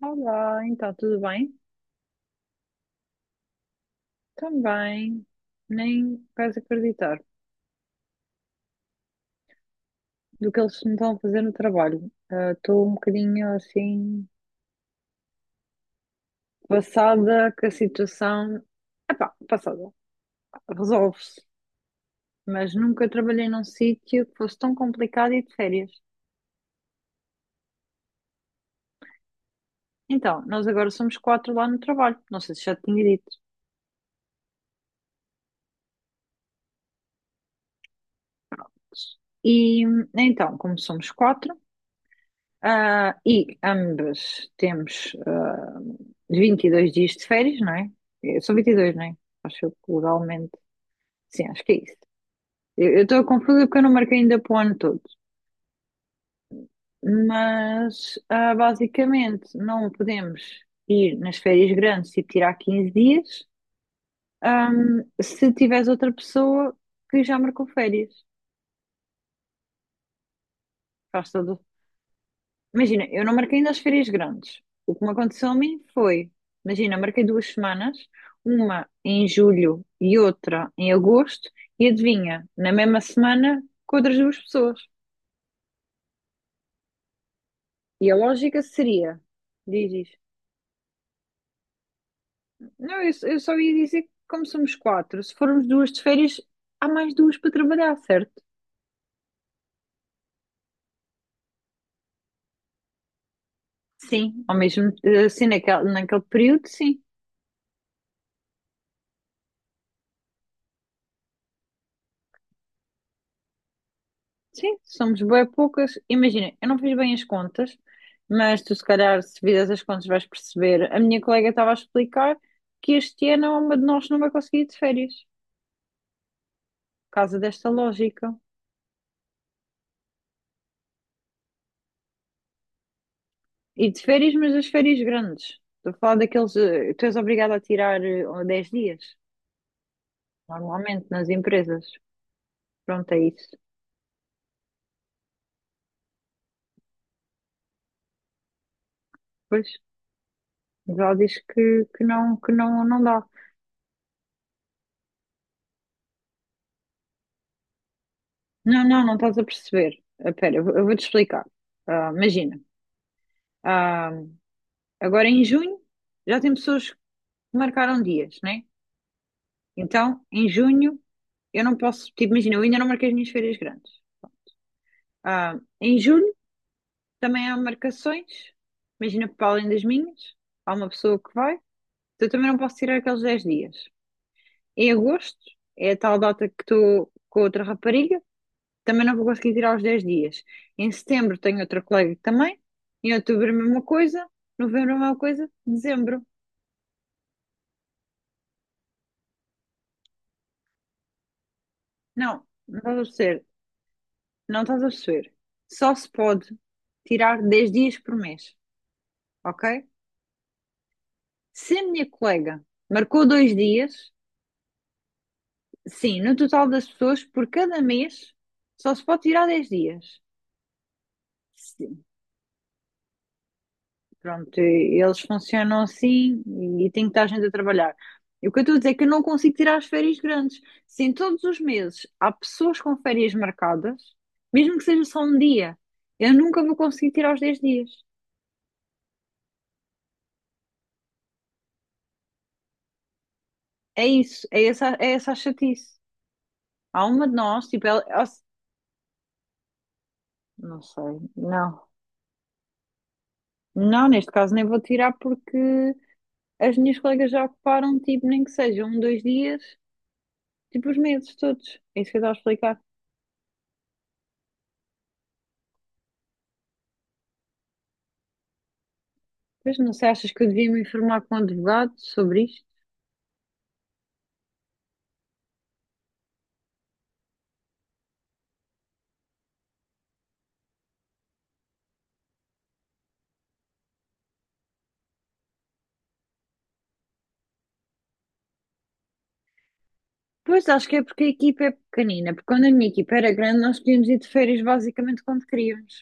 Olá, então tudo bem? Também, nem vais acreditar do que eles me estão a fazer no trabalho. Ah, estou um bocadinho assim, passada que a situação. Passada, resolve-se, mas nunca trabalhei num sítio que fosse tão complicado e de férias. Então, nós agora somos quatro lá no trabalho, não sei se já te tinha dito. E então, como somos quatro. Ah, e ambas temos 22 dias de férias, não é? São 22, não é? Acho eu que legalmente. Sim, acho que é isso. Eu estou confusa porque eu não marquei ainda para o ano todo. Mas, basicamente, não podemos ir nas férias grandes e tirar 15 dias, ah, se tiveres outra pessoa que já marcou férias. Faz todo o Imagina, eu não marquei ainda as férias grandes. O que me aconteceu a mim foi, imagina, marquei 2 semanas, uma em julho e outra em agosto, e adivinha, na mesma semana com outras duas pessoas. E a lógica seria, diz isto. Não, eu só ia dizer que como somos quatro, se formos duas de férias, há mais duas para trabalhar, certo? Sim, ao mesmo, assim, naquele período, sim. Sim, somos bem poucas. Imagina, eu não fiz bem as contas, mas tu, se calhar, se fizeres as contas, vais perceber. A minha colega estava a explicar que este ano uma de nós não vai conseguir ir de férias, por causa desta lógica. E de férias, mas das férias grandes. Estou a falar daqueles. Tu és obrigado a tirar 10 dias, normalmente, nas empresas. Pronto, é isso. Pois, mas ela diz que não, que não, não dá. Não, não, não estás a perceber. Espera, eu vou-te explicar. Ah, imagina. Ah, agora em junho já tem pessoas que marcaram dias, né? Então, em junho eu não posso, tipo, imagina, eu ainda não marquei as minhas férias grandes. Ah, em julho também há marcações, imagina, para além das minhas, há uma pessoa que vai, então eu também não posso tirar aqueles 10 dias. Em agosto é a tal data que estou com outra rapariga, também não vou conseguir tirar os 10 dias. Em setembro tenho outra colega que também, em outubro a mesma coisa, novembro a mesma coisa, dezembro. Não, não vai ser. Não estás a perceber. Só se pode tirar 10 dias por mês, ok? Se a minha colega marcou 2 dias, sim, no total das pessoas, por cada mês, só se pode tirar 10 dias. Sim. Pronto, eles funcionam assim e tem que estar gente a trabalhar. E o que eu estou a dizer é que eu não consigo tirar as férias grandes. Se em todos os meses há pessoas com férias marcadas, mesmo que seja só um dia, eu nunca vou conseguir tirar os 10 dias. É isso, é essa a chatice. Há uma de nós, tipo, não sei, não. Não, neste caso nem vou tirar porque as minhas colegas já ocuparam, tipo, nem que seja um, 2 dias, tipo, os meses todos. É isso que eu estava a explicar. Pois não sei, achas que eu devia me informar com o advogado sobre isto? Pois acho que é porque a equipa é pequenina, porque quando a minha equipa era grande nós podíamos ir de férias basicamente quando queríamos.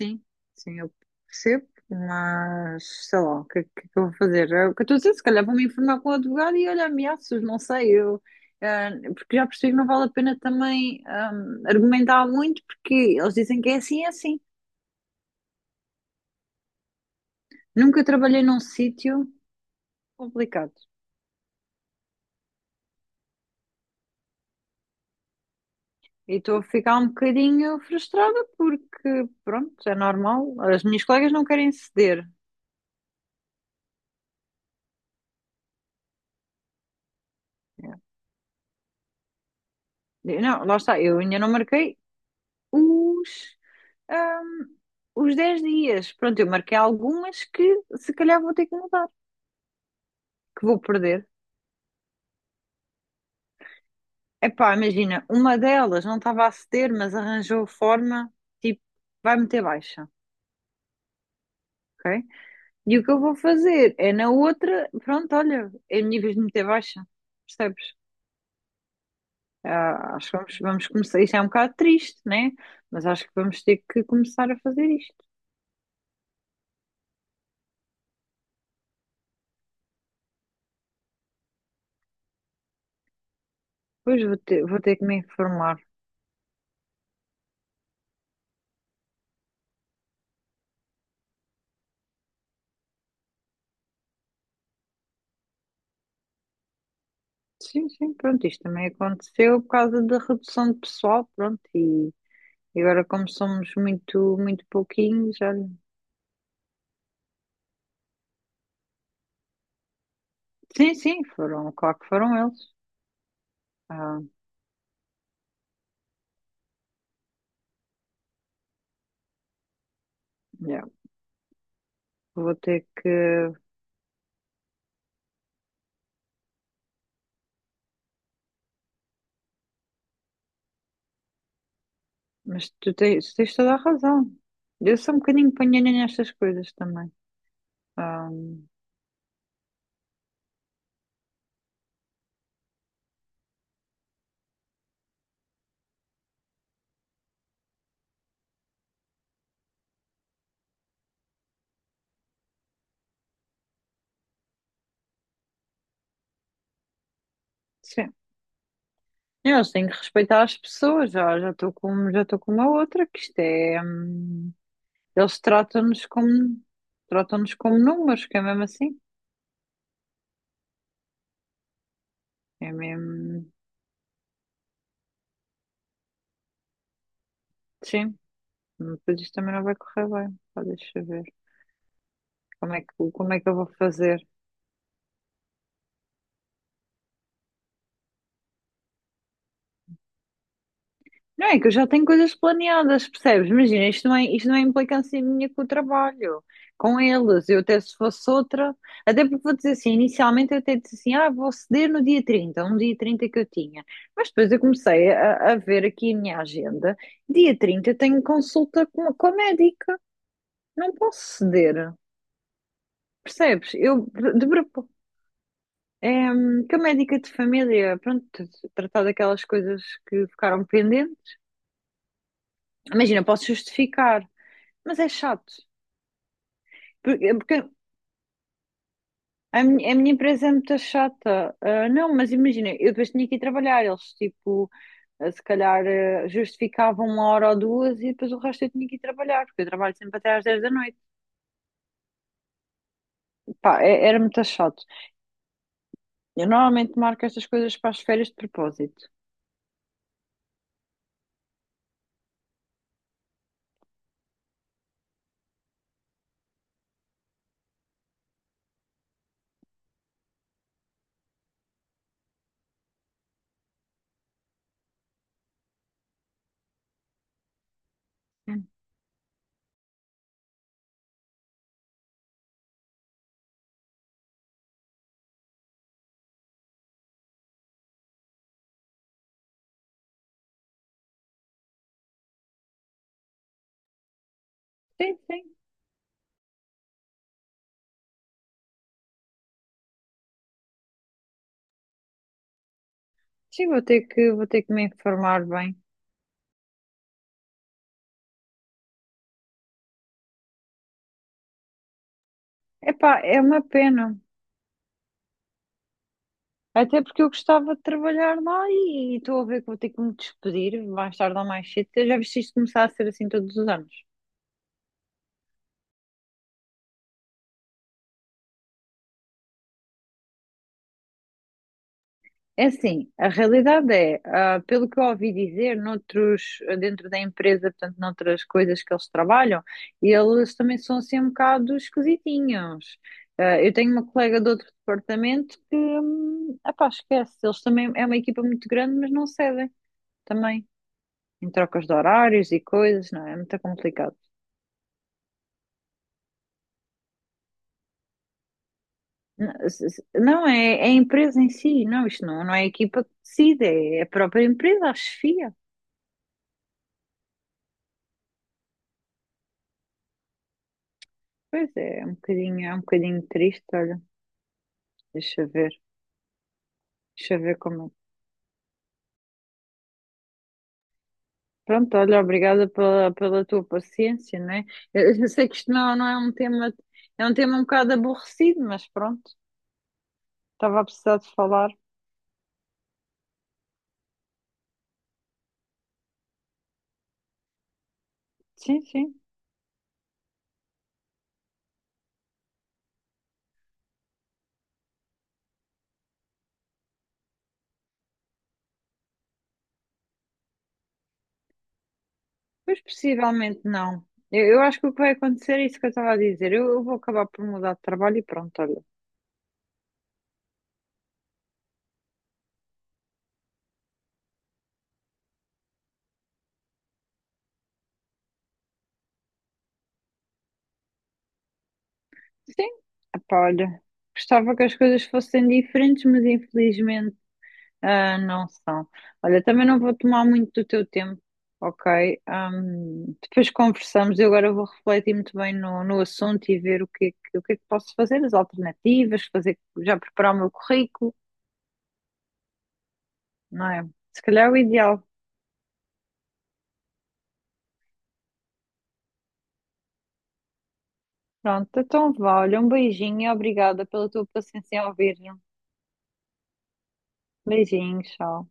Sim, sim, eu percebo, mas sei lá, o que é que eu vou fazer? É o que eu estou a dizer, se calhar vou-me informar com o advogado e olha, ameaças, não sei, eu, porque já percebi que não vale a pena também argumentar muito, porque eles dizem que é assim, é assim. Nunca trabalhei num sítio complicado e estou a ficar um bocadinho frustrada porque, pronto, é normal, as minhas colegas não querem ceder. É. Não, lá está, eu ainda não marquei os. hum, os 10 dias. Pronto, eu marquei algumas que se calhar vou ter que mudar, que vou perder. Epá, imagina, uma delas não estava a ceder, mas arranjou forma, tipo, vai meter baixa, ok? E o que eu vou fazer é na outra, pronto, olha, é a minha vez de meter baixa, percebes? Ah, acho que vamos começar, isto é um bocado triste, né? Mas acho que vamos ter que começar a fazer isto. Pois vou ter que me informar. Sim, sim, pronto, isto também aconteceu por causa da redução de pessoal, pronto, e agora como somos muito, muito pouquinhos, olha, sim, sim, foram, claro que foram eles. Ah, yeah, Vou ter que, mas tu tens toda a razão. Eu sou um bocadinho panhanha nestas coisas também. Ah, sim, eu tenho que respeitar as pessoas, já estou com uma outra, que isto é, eles tratam-nos como, números, que é mesmo assim. É mesmo. Sim, depois isto também não vai correr bem. Pá, deixa ver. Como é que eu vou fazer? Não é que eu já tenho coisas planeadas, percebes? Imagina, isto não é implicância minha com o trabalho, com eles. Eu até se fosse outra, até porque vou dizer assim, inicialmente eu até disse assim, vou ceder no dia 30 um dia 30 que eu tinha. Mas depois eu comecei a ver aqui a minha agenda. Dia 30 eu tenho consulta com a médica, não posso ceder. Percebes? Eu de propósito. É, que a médica de família, pronto, tratar daquelas coisas que ficaram pendentes. Imagina, posso justificar, mas é chato. Porque a minha empresa é muito chata. Ah, não, mas imagina, eu depois tinha que ir trabalhar. Eles, tipo, se calhar justificavam 1 hora ou duas e depois o resto eu tinha que ir trabalhar, porque eu trabalho sempre até às 10 da noite. Pá, era muito chato. Eu normalmente marco estas coisas para as férias de propósito. Sim, sim. Sim, vou ter que me informar bem. Epá, é uma pena. Até porque eu gostava de trabalhar lá e estou a ver que vou ter que me despedir mais tarde ou mais cedo. Já viste isto começar a ser assim todos os anos? É assim, a realidade é, pelo que eu ouvi dizer, noutros, dentro da empresa, portanto, noutras coisas que eles trabalham, eles também são assim um bocado esquisitinhos. Ah, eu tenho uma colega de outro departamento que, epá, esquece, eles também, é uma equipa muito grande, mas não cedem também, em trocas de horários e coisas, não é? É muito complicado. Não, não, é a empresa em si, não, isto não é a equipa que decide, é a própria empresa, a chefia. Pois é, é um bocadinho triste, olha. Deixa eu ver, deixa eu ver como é. Pronto, olha, obrigada pela tua paciência, né? Eu sei que isto não é um tema, é um tema um bocado aborrecido, mas pronto, estava a precisar de falar. Sim, sim, pois possivelmente não. Eu acho que o que vai acontecer é isso que eu estava a dizer. Eu vou acabar por mudar de trabalho e pronto, olha. Sim, epá, olha, gostava que as coisas fossem diferentes, mas infelizmente. Ah, não são. Olha, também não vou tomar muito do teu tempo, ok? Depois conversamos. Eu agora vou refletir muito bem no assunto e ver o que é que posso fazer, as alternativas, fazer, já preparar o meu currículo, não é? Se calhar é o ideal. Pronto, então vá. Olha, um beijinho e obrigada pela tua paciência em ouvir-me. Beijinho, tchau.